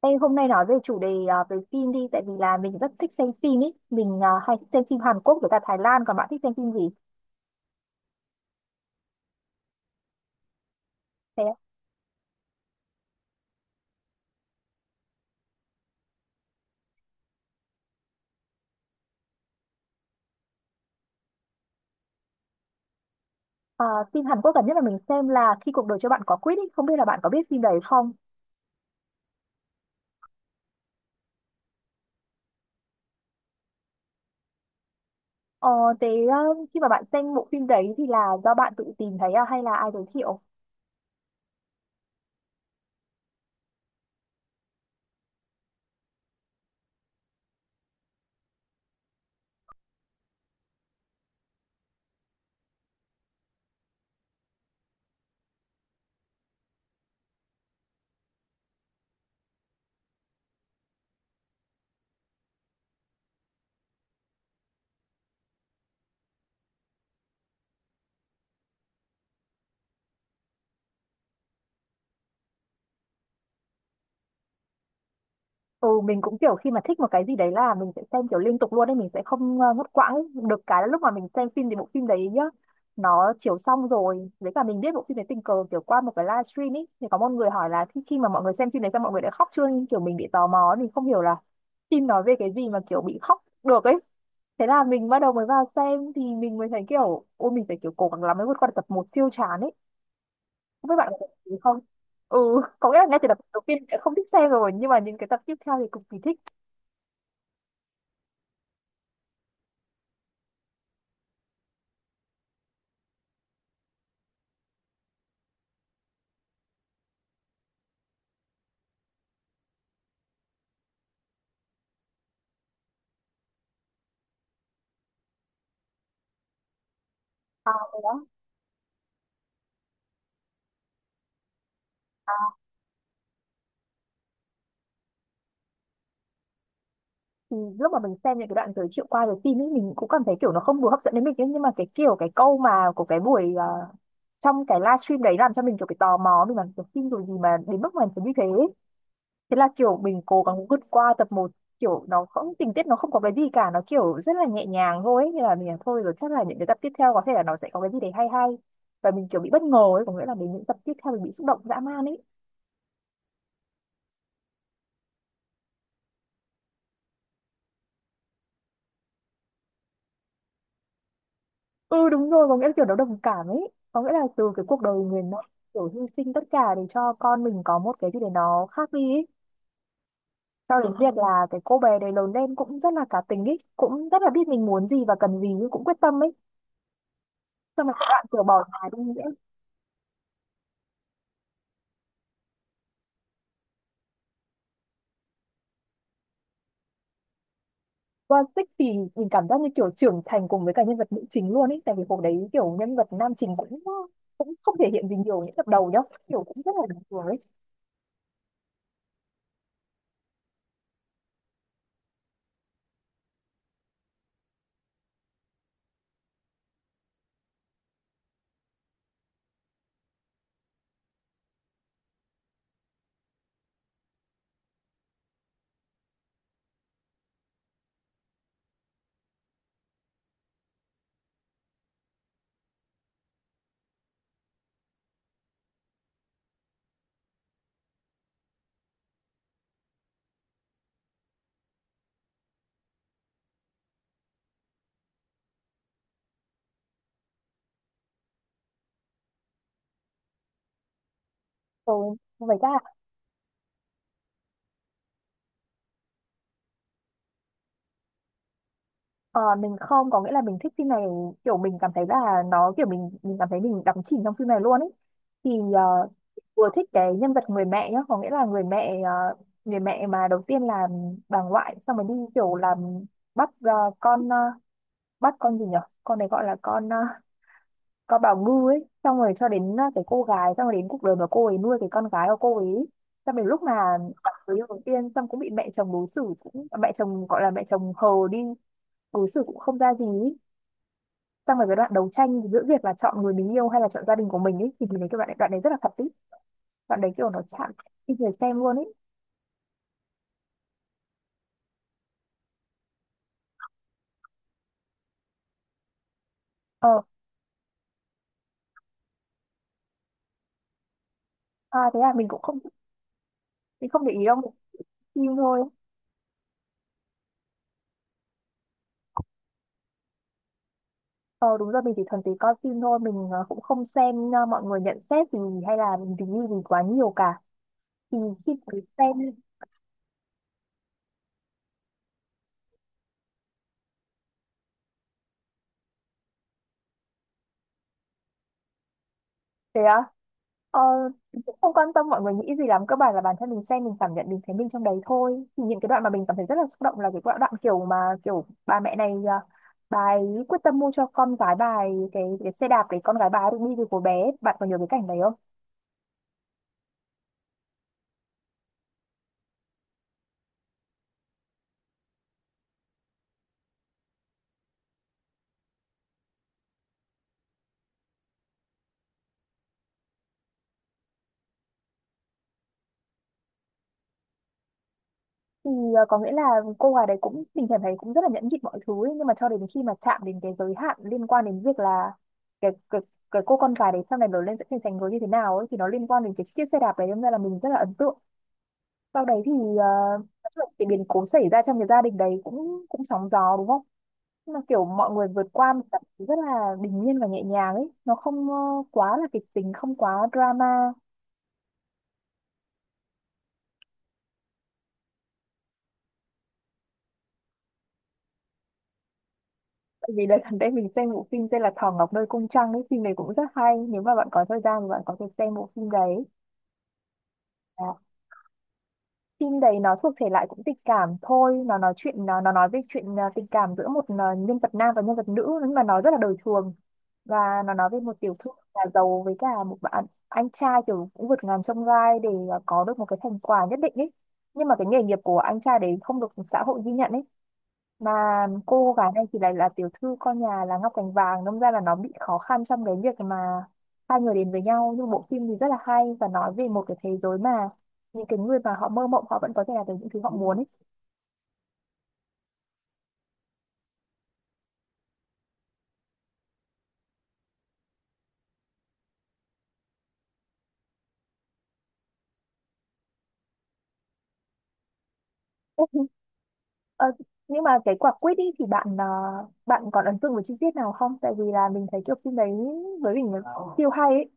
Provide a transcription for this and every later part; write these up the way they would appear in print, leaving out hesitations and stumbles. Ê, hôm nay nói về chủ đề về phim đi tại vì là mình rất thích xem phim ý, mình hay thích xem phim Hàn Quốc với cả Thái Lan, còn bạn thích xem phim gì? Thế à, phim Hàn Quốc gần nhất là mình xem là Khi Cuộc Đời Cho Bạn Có Quýt ý, không biết là bạn có biết phim đấy không? ờ, Thế khi mà bạn xem bộ phim đấy thì là do bạn tự tìm thấy, hay là ai giới thiệu? Ừ, mình cũng kiểu khi mà thích một cái gì đấy là mình sẽ xem kiểu liên tục luôn ấy, mình sẽ không ngắt quãng ấy. Được cái là lúc mà mình xem phim thì bộ phim đấy nhá, nó chiếu xong rồi, với cả mình biết bộ phim đấy tình cờ kiểu qua một cái livestream ấy, thì có một người hỏi là khi mà mọi người xem phim đấy xong mọi người đã khóc chưa, nhưng kiểu mình bị tò mò ấy, mình không hiểu là phim nói về cái gì mà kiểu bị khóc được ấy. Thế là mình bắt đầu mới vào xem thì mình mới thấy kiểu, ôi mình phải kiểu cố gắng lắm mới vượt qua được tập một siêu chán ấy. Với bạn có thấy thế không? Ừ, có nghĩa là ngay từ tập đầu tiên đã không thích xem rồi nhưng mà những cái tập tiếp theo thì cực kỳ thích. À, thế đó, à, thì lúc mà mình xem những cái đoạn giới thiệu qua về phim ấy mình cũng cảm thấy kiểu nó không vừa hấp dẫn đến mình ấy. Nhưng mà cái kiểu cái câu mà của cái buổi trong cái livestream đấy làm cho mình kiểu cái tò mò, mình bảo kiểu phim rồi gì mà đến mức mà phải như thế ấy. Thế là kiểu mình cố gắng vượt qua tập một, kiểu nó không tình tiết, nó không có cái gì cả, nó kiểu rất là nhẹ nhàng thôi ấy. Nên là mình là thôi rồi chắc là những cái tập tiếp theo có thể là nó sẽ có cái gì đấy hay hay, và mình kiểu bị bất ngờ ấy, có nghĩa là đến những tập tiếp theo mình bị xúc động dã man ấy. Ừ đúng rồi, có nghĩa là kiểu nó đồng cảm ấy, có nghĩa là từ cái cuộc đời mình nó kiểu hy sinh tất cả để cho con mình có một cái gì để nó khác đi ấy, cho đến việc là cái cô bé đấy lớn lên cũng rất là cá tính ấy, cũng rất là biết mình muốn gì và cần gì, nhưng cũng quyết tâm ấy. Xong mà các bạn kiểu bỏ nhà đi nghĩa qua tích thì mình cảm giác như kiểu trưởng thành cùng với cả nhân vật nữ chính luôn ấy, tại vì hồi đấy kiểu nhân vật nam chính cũng cũng không thể hiện gì nhiều những tập đầu nhá, kiểu cũng rất là bình thường ấy. Ừ, vậy ra ờ, mình không, có nghĩa là mình thích phim này, kiểu mình cảm thấy là nó kiểu, mình cảm thấy mình đắm chìm trong phim này luôn ấy. Thì vừa thích cái nhân vật người mẹ nhá, có nghĩa là người mẹ, người mẹ mà đầu tiên là bà ngoại, xong rồi đi kiểu làm bắt, con, bắt con gì nhở, con này gọi là con, con bảo ngư ấy, xong rồi cho đến cái cô gái, xong rồi đến cuộc đời mà cô ấy nuôi cái con gái của cô ấy, xong đến lúc mà gặp người yêu đầu tiên, xong cũng bị mẹ chồng đối xử, cũng mẹ chồng gọi là mẹ chồng hờ đi, đối xử cũng không ra gì ý. Xong rồi cái đoạn đấu tranh giữa việc là chọn người mình yêu hay là chọn gia đình của mình ấy thì mình thấy cái đoạn đấy rất là thật ý, đoạn đấy kiểu nó chạm khi người xem luôn ấy. Ờ à, thế à, mình cũng không, mình không để ý đâu, mình xem phim thôi. Ờ đúng rồi, mình chỉ thuần túy coi phim thôi, mình cũng không xem mọi người nhận xét gì hay là review gì quá nhiều cả. Thì khi mình xem, thế á, ờ, cũng không quan tâm mọi người nghĩ gì lắm, cơ bản là bản thân mình xem mình cảm nhận, mình thấy mình trong đấy thôi. Thì những cái đoạn mà mình cảm thấy rất là xúc động là cái đoạn, đoạn kiểu mà kiểu bà mẹ này bà ấy quyết tâm mua cho con gái bà ấy cái xe đạp để con gái bà ấy được đi từ của bé, bạn có nhớ cái cảnh đấy không? Thì có nghĩa là cô gái đấy cũng, mình cảm thấy cũng rất là nhẫn nhịn mọi thứ ấy, nhưng mà cho đến khi mà chạm đến cái giới hạn liên quan đến việc là cái cái cô con gái đấy sau này lớn lên sẽ thành thành người như thế nào ấy, thì nó liên quan đến cái chiếc xe đạp đấy, nên là mình rất là ấn tượng. Sau đấy thì ờ, nói chung là cái biến cố xảy ra trong cái gia đình đấy cũng cũng sóng gió đúng không, nhưng mà kiểu mọi người vượt qua một cách rất là bình yên và nhẹ nhàng ấy, nó không quá là kịch tính, không quá drama. Tại vì đợt gần đây mình xem bộ phim tên là Thỏ Ngọc Nơi Cung Trăng ấy, phim này cũng rất hay, nếu mà bạn có thời gian thì bạn có thể xem bộ phim đấy. Phim đấy nó thuộc thể loại cũng tình cảm thôi, nó nói chuyện, nó nói về chuyện, tình cảm giữa một, nhân vật nam và nhân vật nữ, nhưng mà nó rất là đời thường. Và nó nói về một tiểu thư nhà giàu với cả một bạn anh trai, kiểu cũng vượt ngàn chông gai để có được một cái thành quả nhất định ấy. Nhưng mà cái nghề nghiệp của anh trai đấy không được xã hội ghi nhận ấy, mà cô gái này thì lại là tiểu thư con nhà là Ngọc Cành Vàng, đâm ra là nó bị khó khăn trong cái việc mà hai người đến với nhau. Nhưng bộ phim thì rất là hay và nói về một cái thế giới mà những cái người mà họ mơ mộng họ vẫn có thể làm được những thứ họ muốn ấy. Ủa, ờ, nhưng mà cái quả quýt ấy thì bạn bạn còn ấn tượng với chi tiết nào không? Tại vì là mình thấy kiểu phim đấy với mình là siêu hay ấy.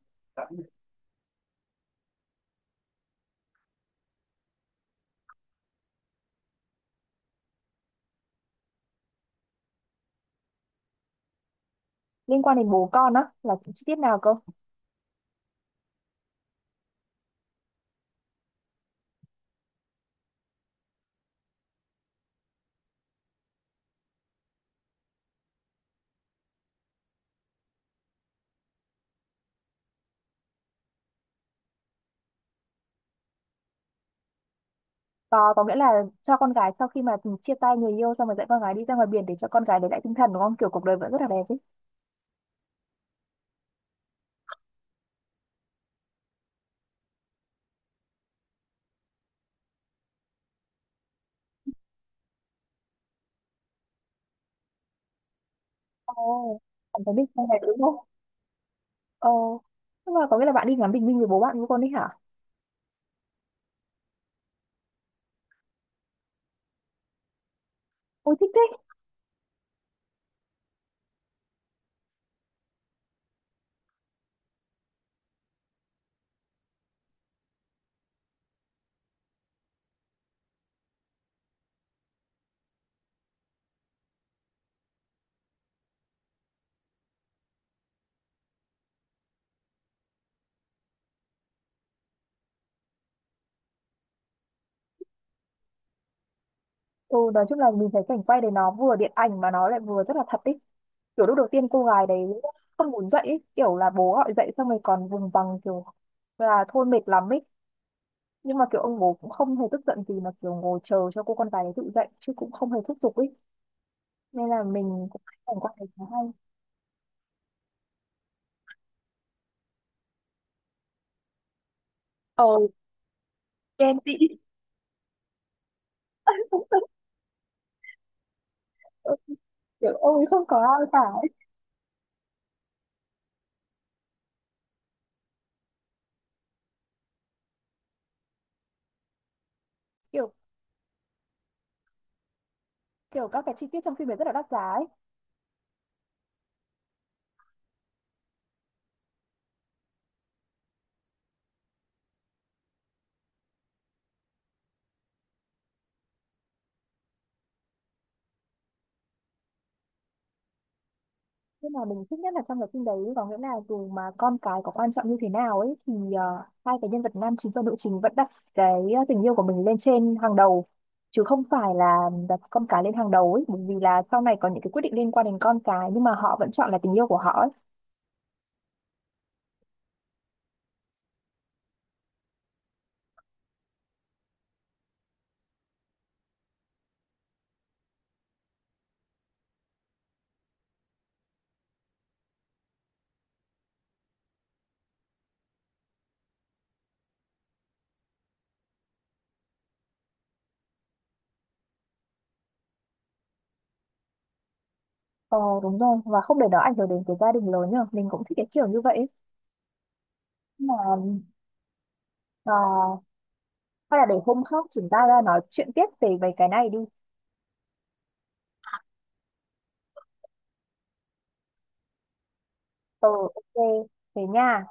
Liên quan đến bố con á là chi tiết nào cơ? Có nghĩa là cho con gái sau khi mà chia tay người yêu, xong rồi dẫn con gái đi ra ngoài biển để cho con gái đấy lại tinh thần đúng không? Kiểu cuộc đời vẫn rất là đẹp ấy. Ồ, bạn có biết con này đúng không? Ồ, nhưng mà có nghĩa là bạn đi ngắm bình minh với bố bạn với con đấy hả? Ôi thích thế. Ừ, nói chung là mình thấy cảnh quay đấy nó vừa điện ảnh mà nó lại vừa rất là thật ấy. Kiểu lúc đầu tiên cô gái đấy không muốn dậy ấy. Kiểu là bố gọi dậy xong rồi còn vùng vằng kiểu là thôi mệt lắm ấy. Nhưng mà kiểu ông bố cũng không hề tức giận gì mà kiểu ngồi chờ cho cô con gái đấy tự dậy chứ cũng không hề thúc giục ấy. Nên là mình cũng cảm quan thấy khá hay. Ồ, ghen tị. Kiểu ôi không có ai cả ấy. Kiểu, kiểu các cái chi tiết trong phim ấy rất là đắt giá ấy. Nhưng mà mình thích nhất là trong cái phim đấy có nghĩa là dù mà con cái có quan trọng như thế nào ấy thì hai cái nhân vật nam chính và nữ chính vẫn đặt cái tình yêu của mình lên trên hàng đầu, chứ không phải là đặt con cái lên hàng đầu ấy, bởi vì là sau này có những cái quyết định liên quan đến con cái nhưng mà họ vẫn chọn là tình yêu của họ ấy. Ờ đúng rồi, và không để nó ảnh hưởng đến cái gia đình lớn nhờ, mình cũng thích cái kiểu như vậy ấy. Nhưng mà ờ, hay là để hôm khác chúng ta ra nói chuyện tiếp về về cái này đi. Ờ, ok. Thế nha.